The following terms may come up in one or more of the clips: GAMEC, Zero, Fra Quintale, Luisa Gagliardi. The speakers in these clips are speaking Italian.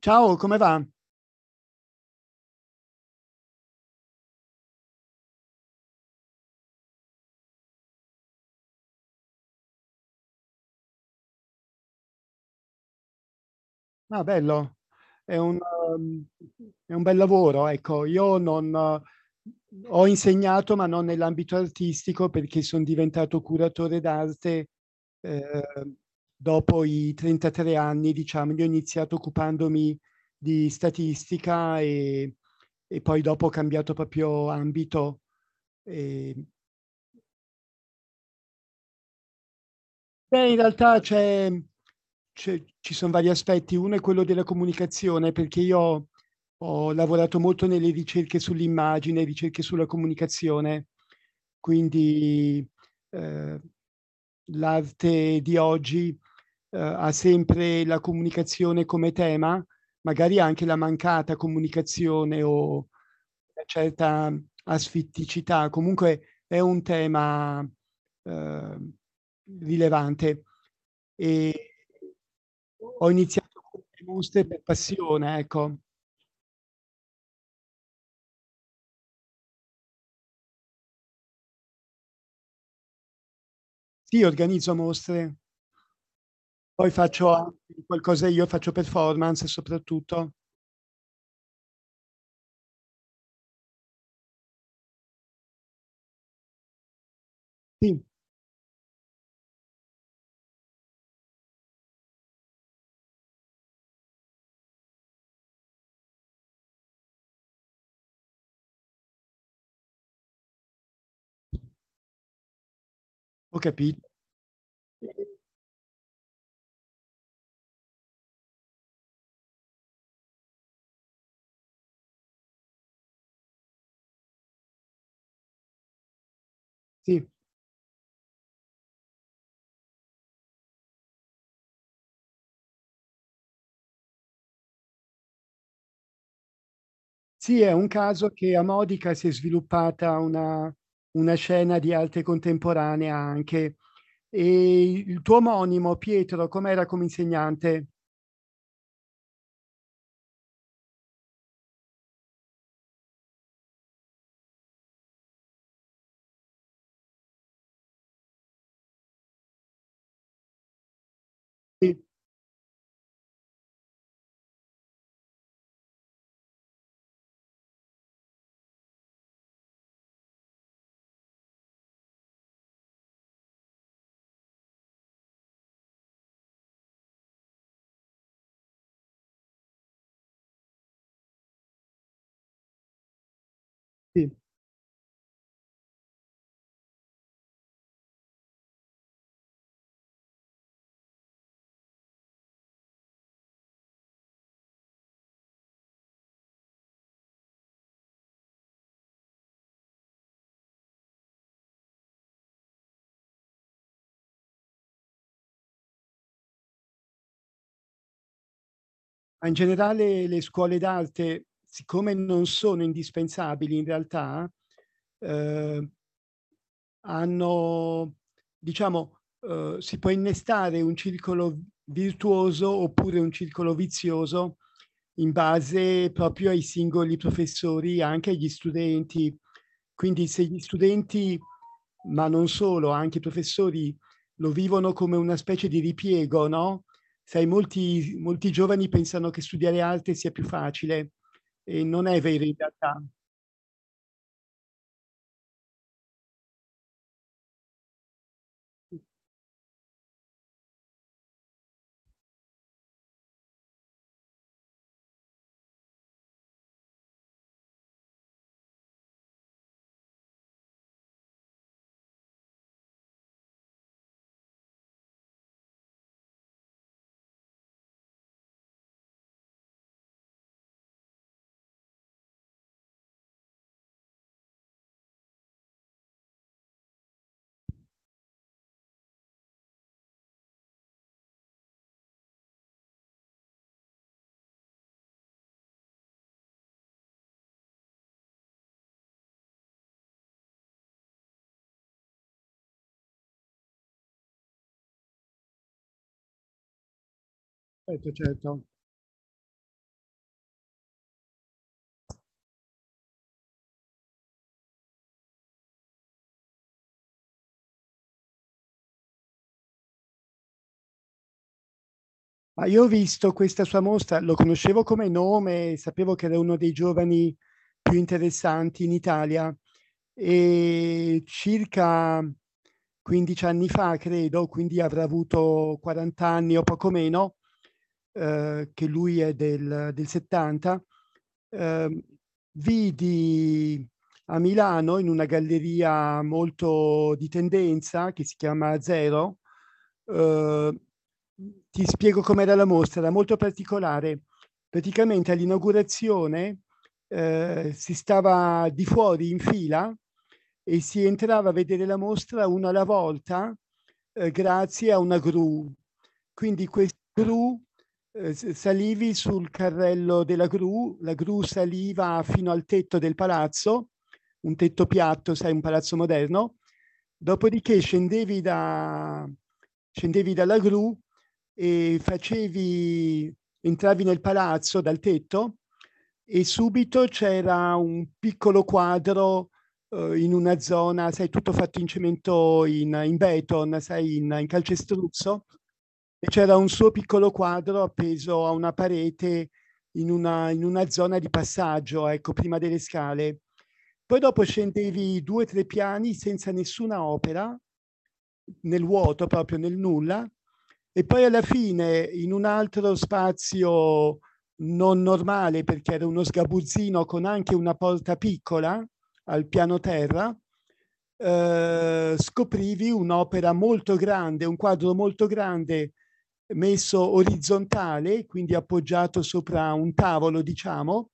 Ciao, come va? Ah, bello. È un uhm, è un bel lavoro, ecco. Io non ho insegnato, ma non nell'ambito artistico, perché son diventato curatore d'arte, ehm, dopo i 33 anni, diciamo. Io ho iniziato occupandomi di statistica e poi dopo ho cambiato proprio ambito. ehm Beh, in realtà c'è, ci son vari aspetti. Uno è quello della comunicazione, perché io ho lavorato molto nelle ricerche sull'immagine, ricerche sulla comunicazione. Quindi, ehm, l'arte di oggi, ha sempre la comunicazione come tema, magari anche la mancata comunicazione o una certa asfitticità. Comunque è un tema eh, rilevante. E ho iniziato con le mostre per passione, ecco. Sì, organizzo mostre, poi faccio anche qualcosa io, faccio performance soprattutto. Sì, ho capito. Sì. Sì, è un caso che a Modica si è sviluppata una scena di arte contemporanea anche. E il tuo omonimo, Pietro, com'era come insegnante? Sì, sì. Ma in generale le scuole d'arte, siccome non sono indispensabili in realtà, uhm hanno, diciamo, si può innestare un circolo virtuoso oppure un circolo vizioso in base proprio ai singoli professori, anche agli studenti. Quindi se gli studenti, ma non solo, anche i professori lo vivono come una specie di ripiego, no, sai molti molti giovani pensano che studiare arte sia più facile, e non è vero in realtà. Certo, certo. Ma io ho visto questa sua mostra, lo conoscevo come nome, sapevo che era uno dei giovani più interessanti in Italia. E circa 15 anni fa, credo, quindi avrà avuto 40 anni o poco meno, che lui è del 70. eh, Vidi a Milano in una galleria molto di tendenza che si chiama Zero. eh, Ti spiego com'era la mostra, era molto particolare. Praticamente all'inaugurazione si stava di fuori in fila e si entrava a vedere la mostra una alla volta, grazie a una gru. Quindi questa gru, salivi sul carrello della gru, la gru saliva fino al tetto del palazzo, un tetto piatto, sai, un palazzo moderno. Dopodiché scendevi dalla gru e entravi nel palazzo dal tetto, e subito c'era un piccolo quadro in una zona, sai, tutto fatto in cemento, in beton, sai, in calcestruzzo. E c'era un suo piccolo quadro appeso a una parete, in una zona di passaggio, ecco, prima delle scale. Poi dopo scendevi due o tre piani senza nessuna opera, nel vuoto, proprio nel nulla, e poi alla fine in un altro spazio non normale, perché era uno sgabuzzino con anche una porta piccola al piano terra, scoprivi un'opera molto grande, un quadro molto grande messo orizzontale, quindi appoggiato sopra un tavolo, diciamo,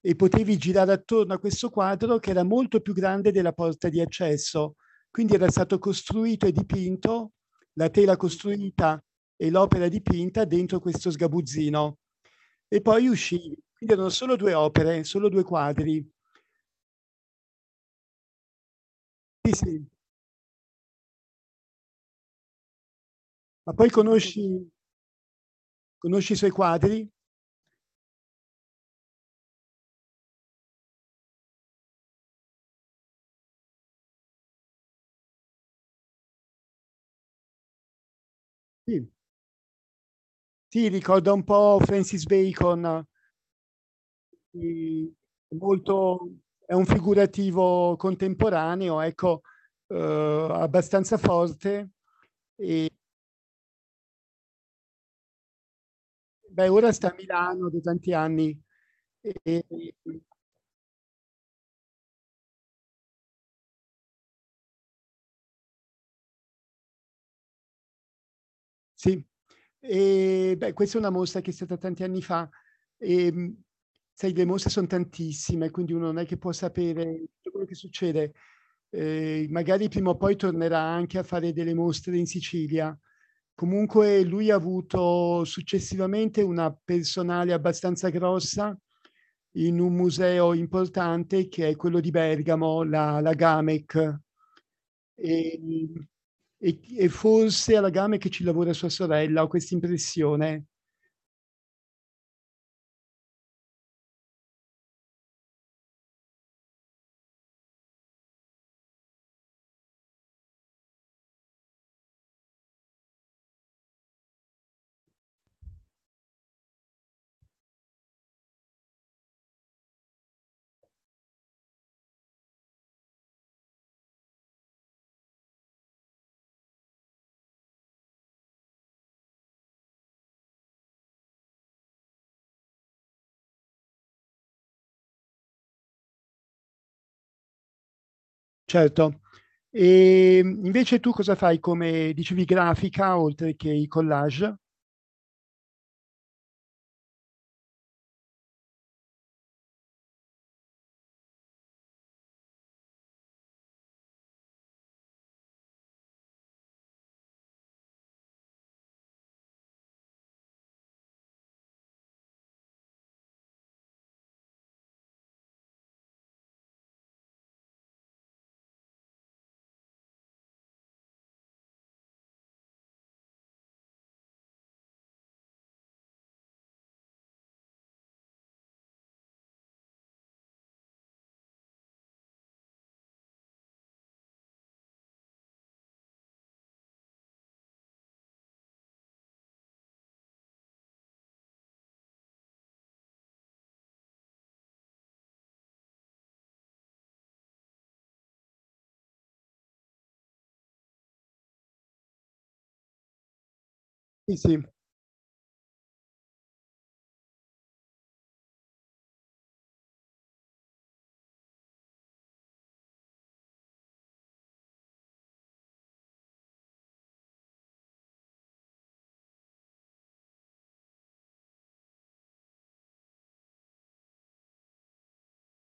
e potevi girare attorno a questo quadro che era molto più grande della porta di accesso, quindi era stato costruito e dipinto, la tela costruita e l'opera dipinta dentro questo sgabuzzino. E poi uscì. Quindi erano solo due opere, solo due quadri. Sì, sì. Ma poi conosci i suoi quadri? Sì. Sì, ricorda un po' Francis Bacon, eh, molto, è un figurativo contemporaneo, ecco, abbastanza forte. E, beh, ora sta a Milano da tanti anni. E, sì, e, beh, questa è una mostra che è stata tanti anni fa. E, sai, le mostre sono tantissime, quindi uno non è che può sapere tutto quello che succede. Magari prima o poi tornerà anche a fare delle mostre in Sicilia. Comunque lui ha avuto successivamente una personale abbastanza grossa in un museo importante che è quello di Bergamo, la GAMEC. E, e forse alla GAMEC ci lavora sua sorella, ho questa impressione, certo. E invece tu cosa fai come, dicevi, grafica oltre che i collage? Sì, sì,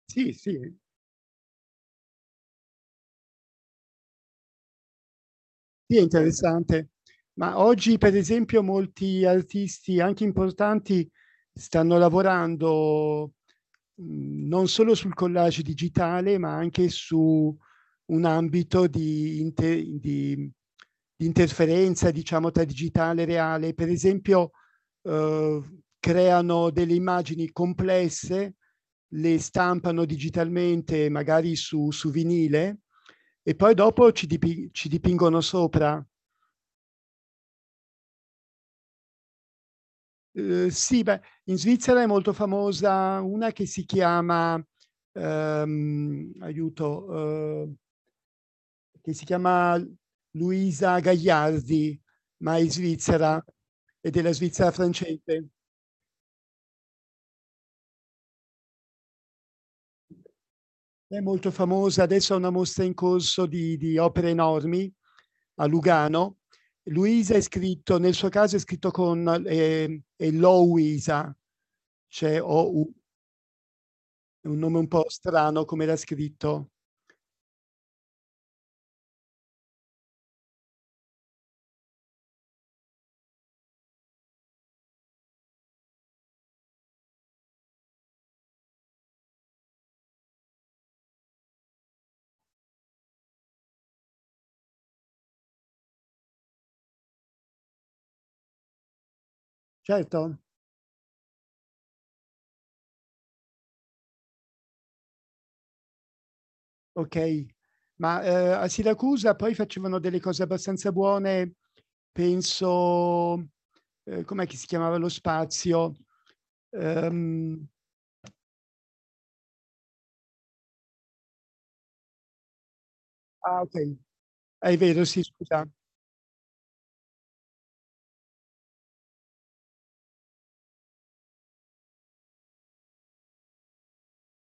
sì, sì. Sì, è interessante. Ma oggi, per esempio, molti artisti, anche importanti, stanno lavorando, non solo sul collage digitale, ma anche su un ambito di interferenza, diciamo, tra digitale e reale. Per esempio, creano delle immagini complesse, le stampano digitalmente, magari su vinile, e poi dopo ci dipingono sopra. Sì, beh, in Svizzera è molto famosa una che si chiama, aiuto, che si chiama Luisa Gagliardi, ma è svizzera, e della Svizzera francese. È molto famosa, adesso ha una mostra in corso di opere enormi a Lugano. Luisa è scritto, nel suo caso è scritto con, è Louisa, cioè O-U. È un nome un po' strano come era scritto. Certo, okay. Ma, a Siracusa poi facevano delle cose abbastanza buone, penso. Com'è che si chiamava lo spazio? Ehm, ah, okay. Ah, è vero, sì, scusa,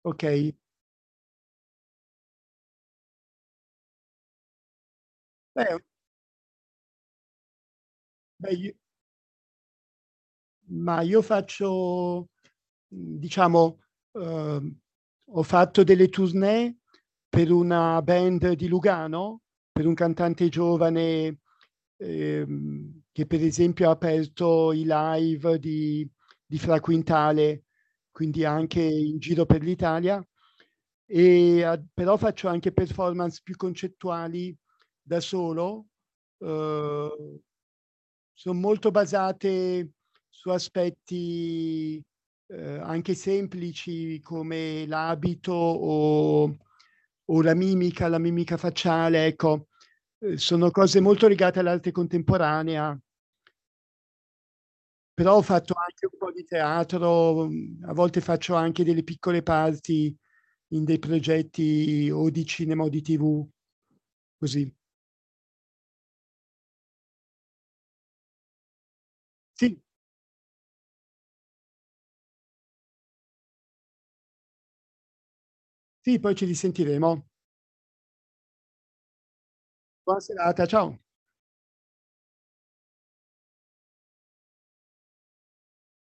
okay. Beh, beh, i ma io faccio, diciamo, eh, ho fatto delle tournée per una band di Lugano, per un cantante giovane, che per esempio ha aperto i live di Fra Quintale, quindi anche in giro per l'Italia. E, però faccio anche performance più concettuali da solo, eh, sono molto basate su aspetti, anche semplici come l'abito o la mimica, facciale, ecco, sono cose molto legate all'arte contemporanea, però ho fatto anche un po' di teatro, a volte faccio anche delle piccole parti in dei progetti o di cinema o di TV, così. Sì, sì, poi ci risentiremo. Buona serata, ciao.